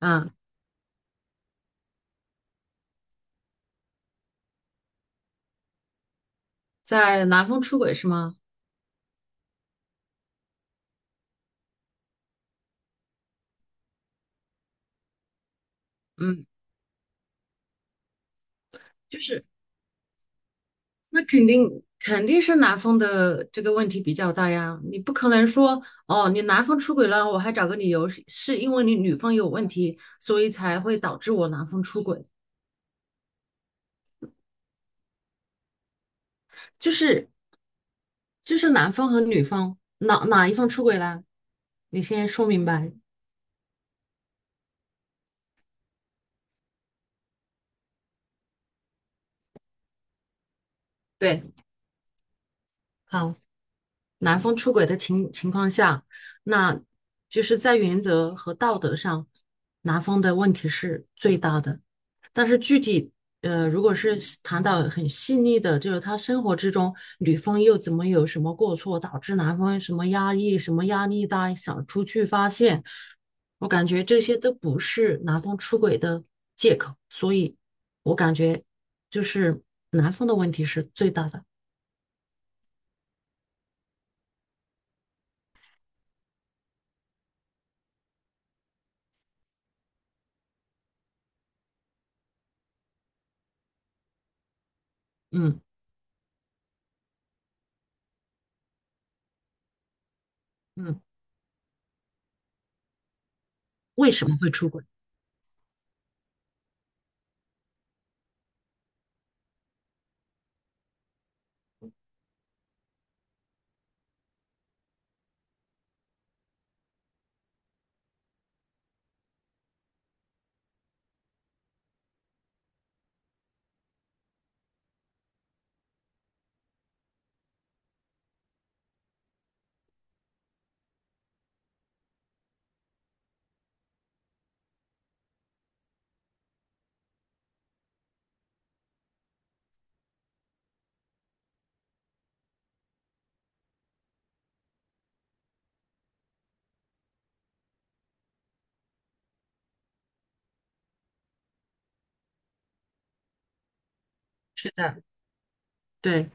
嗯，在男方出轨是吗？嗯，就是那肯定是男方的这个问题比较大呀，你不可能说哦，你男方出轨了，我还找个理由是因为你女方有问题，所以才会导致我男方出轨，就是就是男方和女方哪一方出轨了，你先说明白。对，好。男方出轨的情况下，那就是在原则和道德上，男方的问题是最大的。但是具体，如果是谈到很细腻的，就是他生活之中，女方又怎么有什么过错，导致男方什么压抑、什么压力大，想出去发泄，我感觉这些都不是男方出轨的借口，所以我感觉就是男方的问题是最大的。嗯嗯，为什么会出轨？是的，对，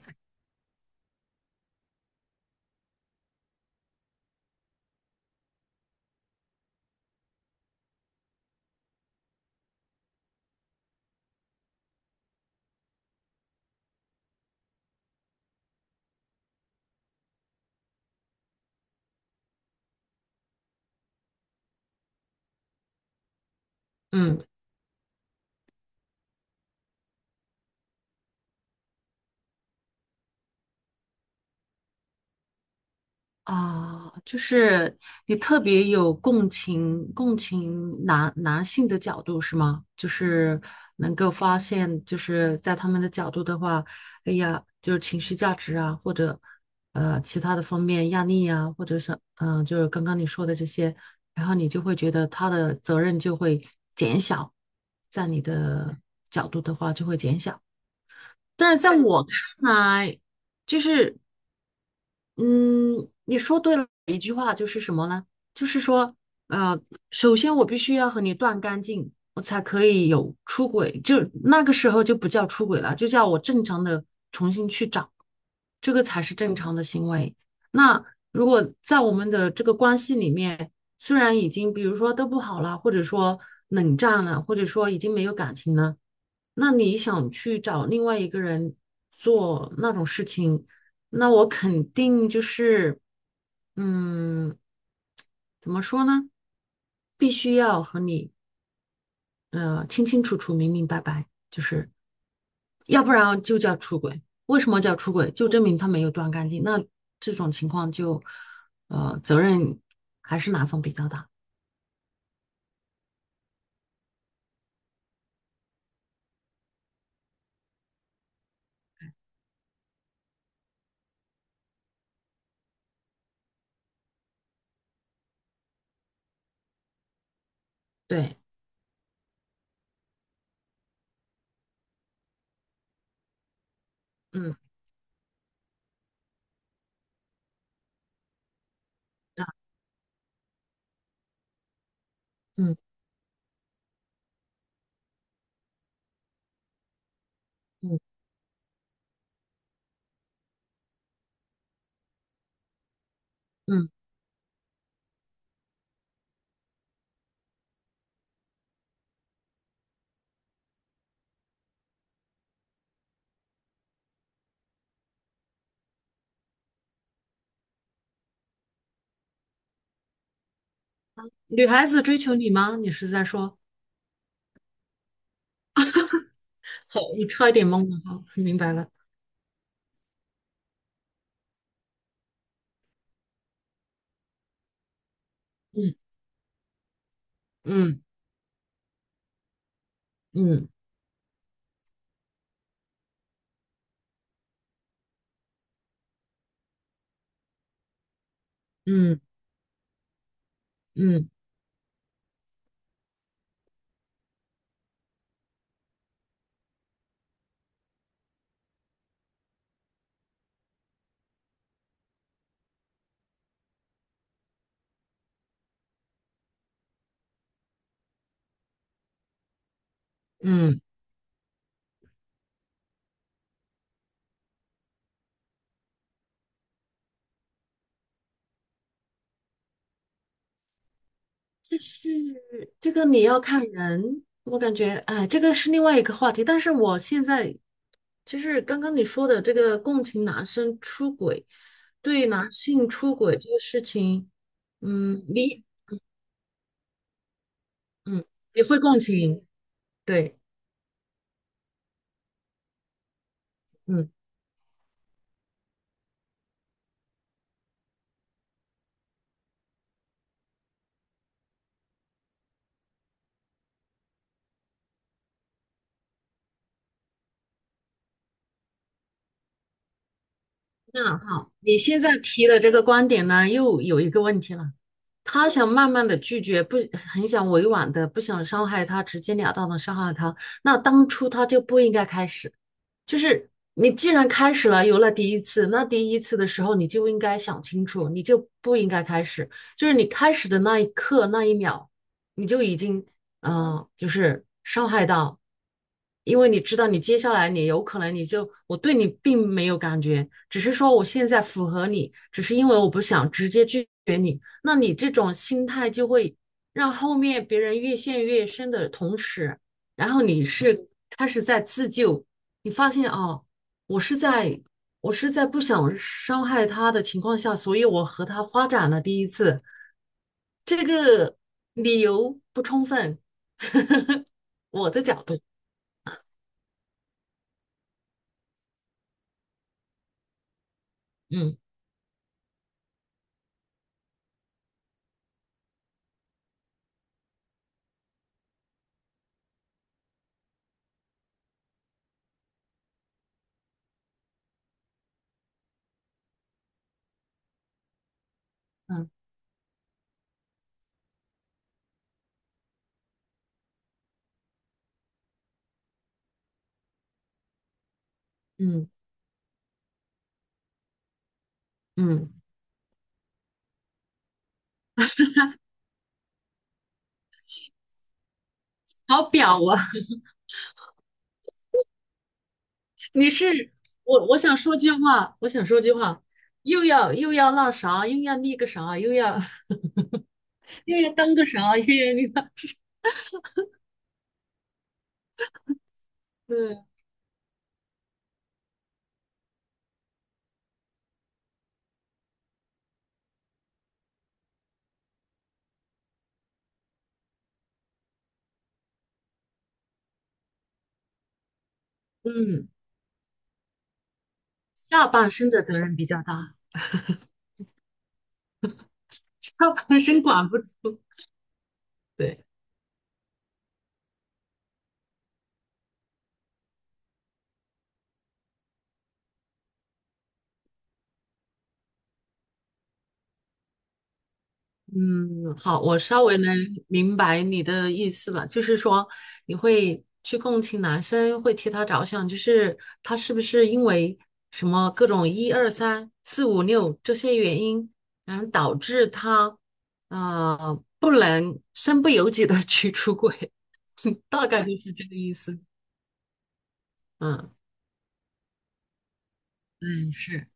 嗯啊，就是你特别有共情，共情男性的角度是吗？就是能够发现，就是在他们的角度的话，哎呀，就是情绪价值啊，或者其他的方面压力啊，或者是就是刚刚你说的这些，然后你就会觉得他的责任就会减小，在你的角度的话就会减小，但是在对我看来。就是嗯，你说对了一句话，就是什么呢？就是说，呃，首先我必须要和你断干净，我才可以有出轨，就那个时候就不叫出轨了，就叫我正常的重新去找，这个才是正常的行为。那如果在我们的这个关系里面，虽然已经比如说都不好了，或者说冷战了，或者说已经没有感情了，那你想去找另外一个人做那种事情？那我肯定就是，嗯，怎么说呢？必须要和你清清楚楚、明明白白，就是要不然就叫出轨。为什么叫出轨？就证明他没有断干净。那这种情况就，责任还是男方比较大。对，嗯嗯嗯嗯，女孩子追求你吗？你是在说？好，我差一点懵了。好，明白了。嗯嗯嗯嗯嗯嗯。就是这个你要看人，我感觉哎，这个是另外一个话题。但是我现在就是刚刚你说的这个共情男生出轨，对男性出轨这个事情，嗯，你嗯你会共情，对，嗯，那好，你现在提的这个观点呢，又有一个问题了。他想慢慢的拒绝，不很想委婉的，不想伤害他，直截了当的伤害他。那当初他就不应该开始。就是你既然开始了，有了第一次，那第一次的时候你就应该想清楚，你就不应该开始。就是你开始的那一刻那一秒，你就已经就是伤害到，因为你知道你接下来你有可能你就我对你并没有感觉，只是说我现在符合你，只是因为我不想直接拒绝你。那你这种心态就会让后面别人越陷越深的同时，然后你是开始在自救。你发现哦，我是在我是在不想伤害他的情况下，所以我和他发展了第一次，这个理由不充分，我的角度，嗯嗯嗯嗯，好表啊！你是我，我想说句话，又要那啥，又要那个啥，又要 又要当个啥，又要那个 嗯嗯，下半身的责任比较大，下半身管不住，对。嗯，好，我稍微能明白你的意思了，就是说你会去共情男生，会替他着想，就是他是不是因为什么各种一二三四五六这些原因，然后导致他不能身不由己的 去出轨，大概就是这个意思。嗯，嗯，是，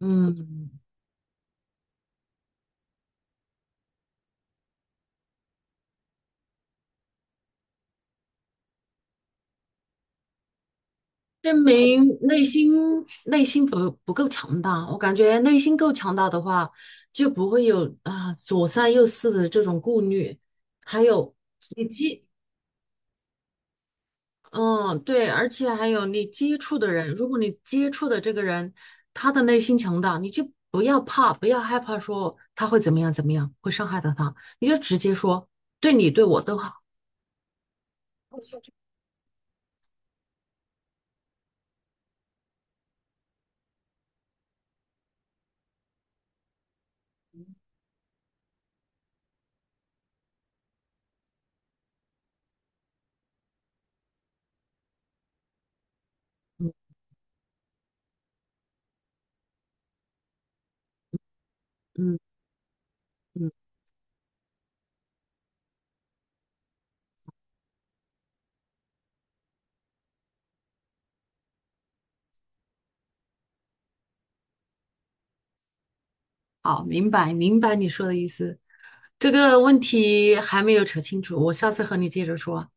嗯。证明内心不够强大。我感觉内心够强大的话，就不会有啊左三右四的这种顾虑。还有你接，嗯，对，而且还有你接触的人，如果你接触的这个人他的内心强大，你就不要怕，不要害怕说他会怎么样怎么样，会伤害到他，你就直接说对你对我都好。嗯嗯嗯。好，明白你说的意思。这个问题还没有扯清楚，我下次和你接着说。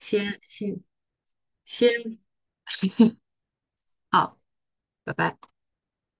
先先先，好，拜拜。